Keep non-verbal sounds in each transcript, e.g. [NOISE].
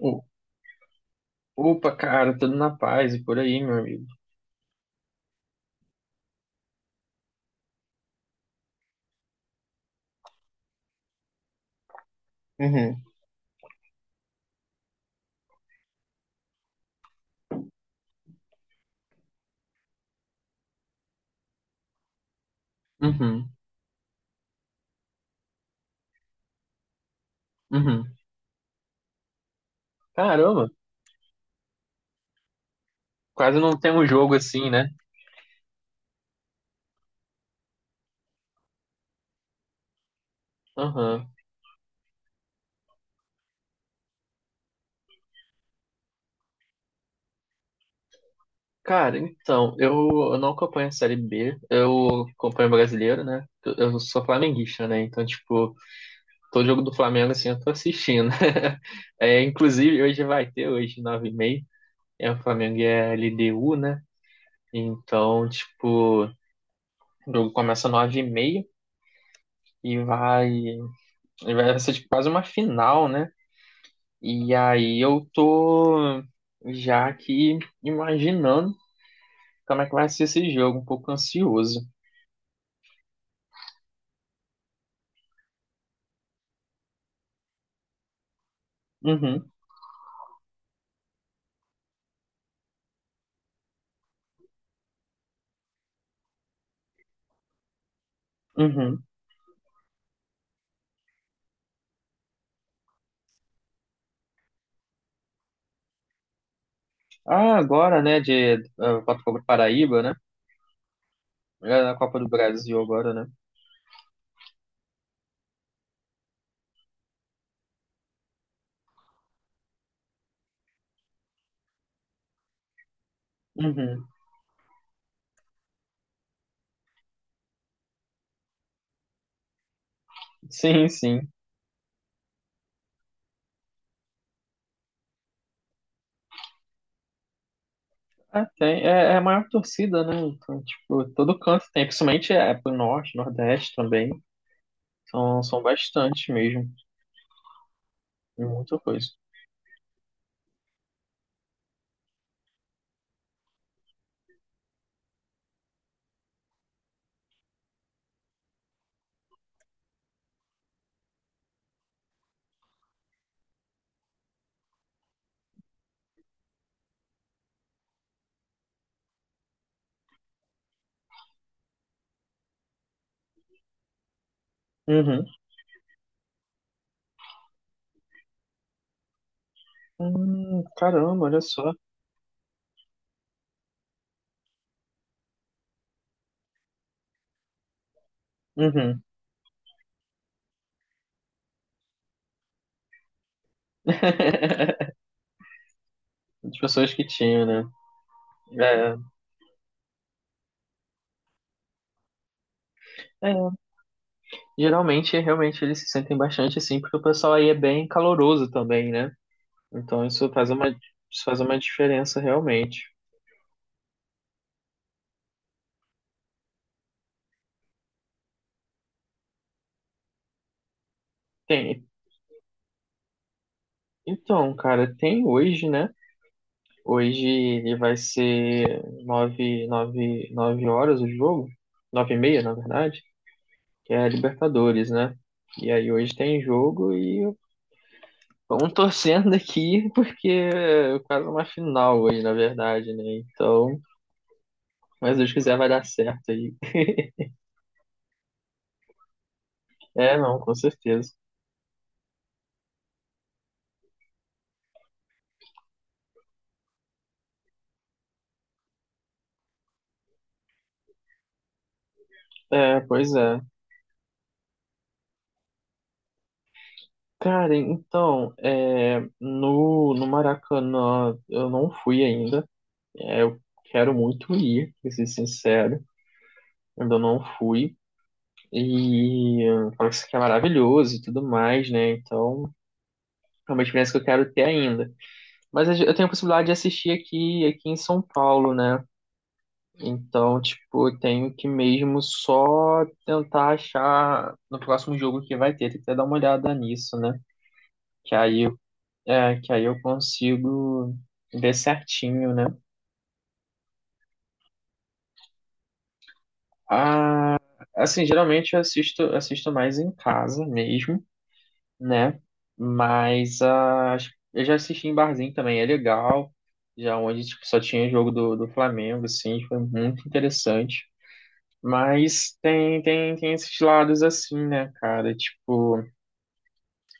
O- Opa, cara, tudo na paz e por aí, meu amigo. Uhum. Uhum, uhum. Caramba, quase não tem um jogo assim, né? Aham. Cara, então, eu não acompanho a Série B, eu acompanho o brasileiro, né? Eu sou flamenguista, né? Então, tipo, todo jogo do Flamengo, assim, eu tô assistindo. [LAUGHS] É, inclusive, hoje vai ter, hoje, 9h30. O Flamengo e LDU, né? Então, tipo, o jogo começa 9h30 e vai ser, tipo, quase uma final, né? E aí eu tô já aqui imaginando como é que vai ser esse jogo, um pouco ansioso. Uhum, uhum. Ah, agora, né, de Botafogo do Paraíba, né? É na Copa do Brasil agora, né? Uhum. Sim, sim. É, tem, é a maior torcida, né? Então, tipo, todo canto tem, principalmente é pro norte, nordeste também. São bastante mesmo, tem muita coisa. Uhum. Caramba, olha só. Uhum. [LAUGHS] As pessoas que tinham, né? É, é. Geralmente, realmente, eles se sentem bastante assim, porque o pessoal aí é bem caloroso também, né? Então isso faz uma diferença realmente. Tem. Então, cara, tem hoje, né? Hoje ele vai ser nove horas o jogo. 9h30, na verdade, que é a Libertadores, né? E aí hoje tem jogo e vamos [LAUGHS] torcendo aqui, porque é quase uma final hoje, na verdade, né? Então, mas se Deus quiser vai dar certo aí. É, não, com certeza. É, pois é. Cara, então, é, no Maracanã eu não fui ainda. É, eu quero muito ir, pra ser sincero. Ainda não fui. E parece que é maravilhoso e tudo mais, né? Então, é uma experiência que eu quero ter ainda. Mas eu tenho a possibilidade de assistir aqui em São Paulo, né? Então, tipo, eu tenho que mesmo só tentar achar no próximo jogo que vai ter. Tem que até dar uma olhada nisso, né? Que aí que aí eu consigo ver certinho, né? Ah, assim, geralmente eu assisto mais em casa mesmo, né? Mas eu já assisti em barzinho também, é legal. Já onde tipo, só tinha jogo do Flamengo, assim, foi muito interessante. Mas tem esses lados assim, né, cara? Tipo,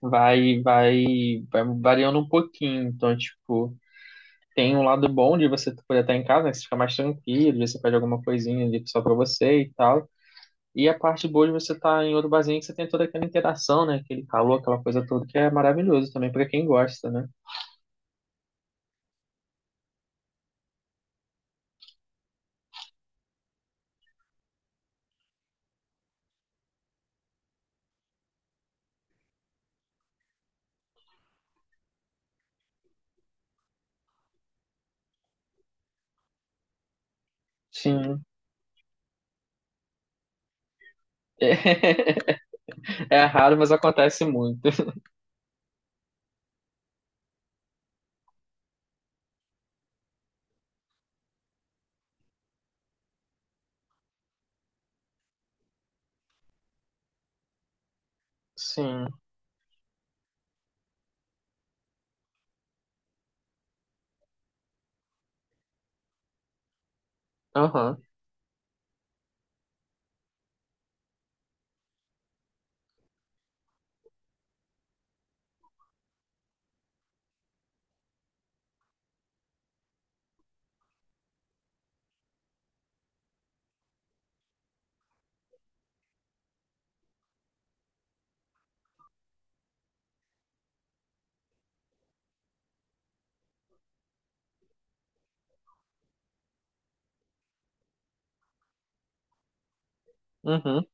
vai, vai, vai variando um pouquinho. Então, tipo. Tem um lado bom de você poder estar em casa, né? Que você fica mais tranquilo, você pede alguma coisinha ali só pra você e tal. E a parte boa de você estar em outro barzinho é que você tem toda aquela interação, né? Aquele calor, aquela coisa toda, que é maravilhoso também pra quem gosta, né? Sim. [LAUGHS] É, raro, mas acontece muito. Sim. Aham. Uhum.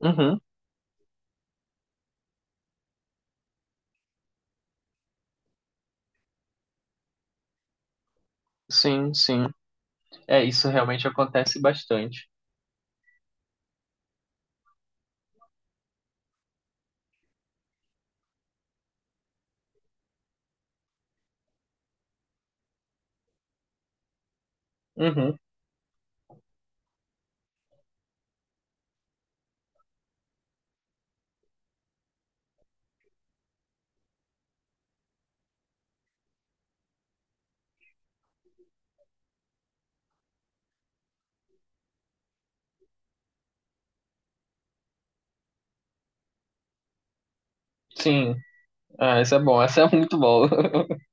Uhum. Sim, sim. É, isso realmente acontece bastante. Uhum. Sim. Ah, isso é bom. Isso é muito bom. [LAUGHS]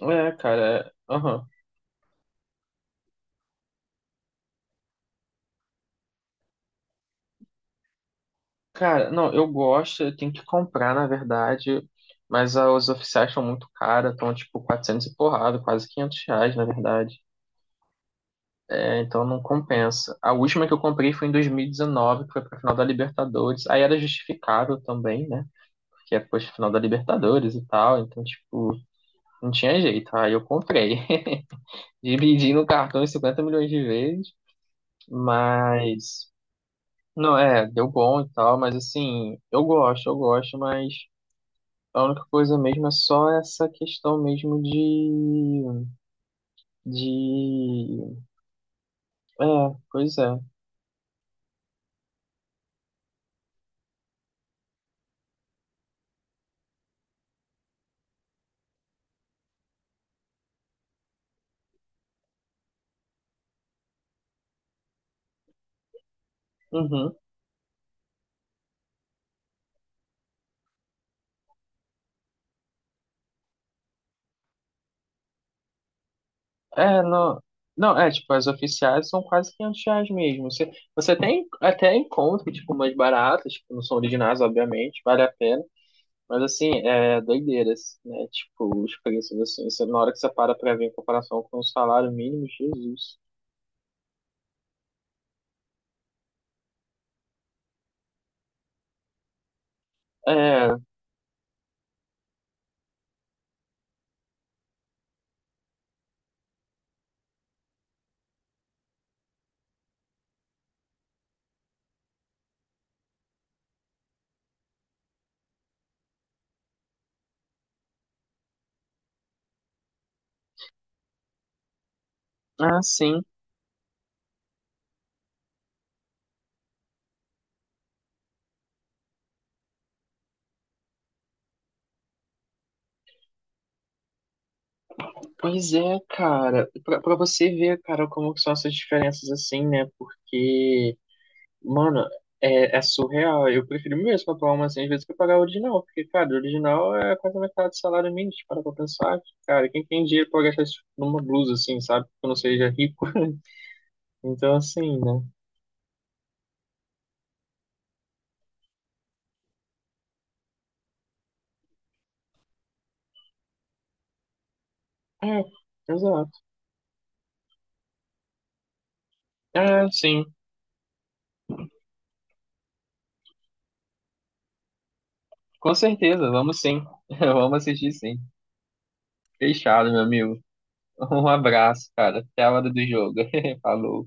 É, cara. Aham. Cara, não, eu gosto, eu tenho que comprar, na verdade, mas os oficiais são muito caros, estão tipo 400 e porrada, quase R$ 500, na verdade. É, então não compensa. A última que eu comprei foi em 2019, que foi pra final da Libertadores. Aí era justificável também, né? Porque é, poxa, final da Libertadores e tal, então, tipo, não tinha jeito. Aí eu comprei. [LAUGHS] Dividi no cartão em 50 milhões de vezes, mas... Não, é, deu bom e tal, mas assim, eu gosto, mas... A única coisa mesmo é só essa questão mesmo de, é, pois é, uhum. É, não, não, é, tipo, as oficiais são quase R$ 500 mesmo, você tem, até encontra, tipo, umas baratas, que não são originais, obviamente, vale a pena, mas, assim, é doideiras, né, tipo, os preços, assim, você, na hora que você para pra ver em comparação com o salário mínimo, Jesus, é, ah, sim. Pois é, cara, pra você ver, cara, como que são essas diferenças assim, né? Porque, mano, é surreal. Eu prefiro mesmo comprar uma assim, às vezes, que pagar o original. Porque, cara, o original é quase a metade do salário mínimo. Para pra pensar, cara, quem tem dinheiro pra gastar isso numa blusa, assim, sabe? Que não seja rico. [LAUGHS] Então, assim, né? É, exato. Ah sim, com certeza, vamos sim. [LAUGHS] Vamos assistir sim. Fechado, meu amigo. Um abraço, cara. Até a hora do jogo. [LAUGHS] Falou.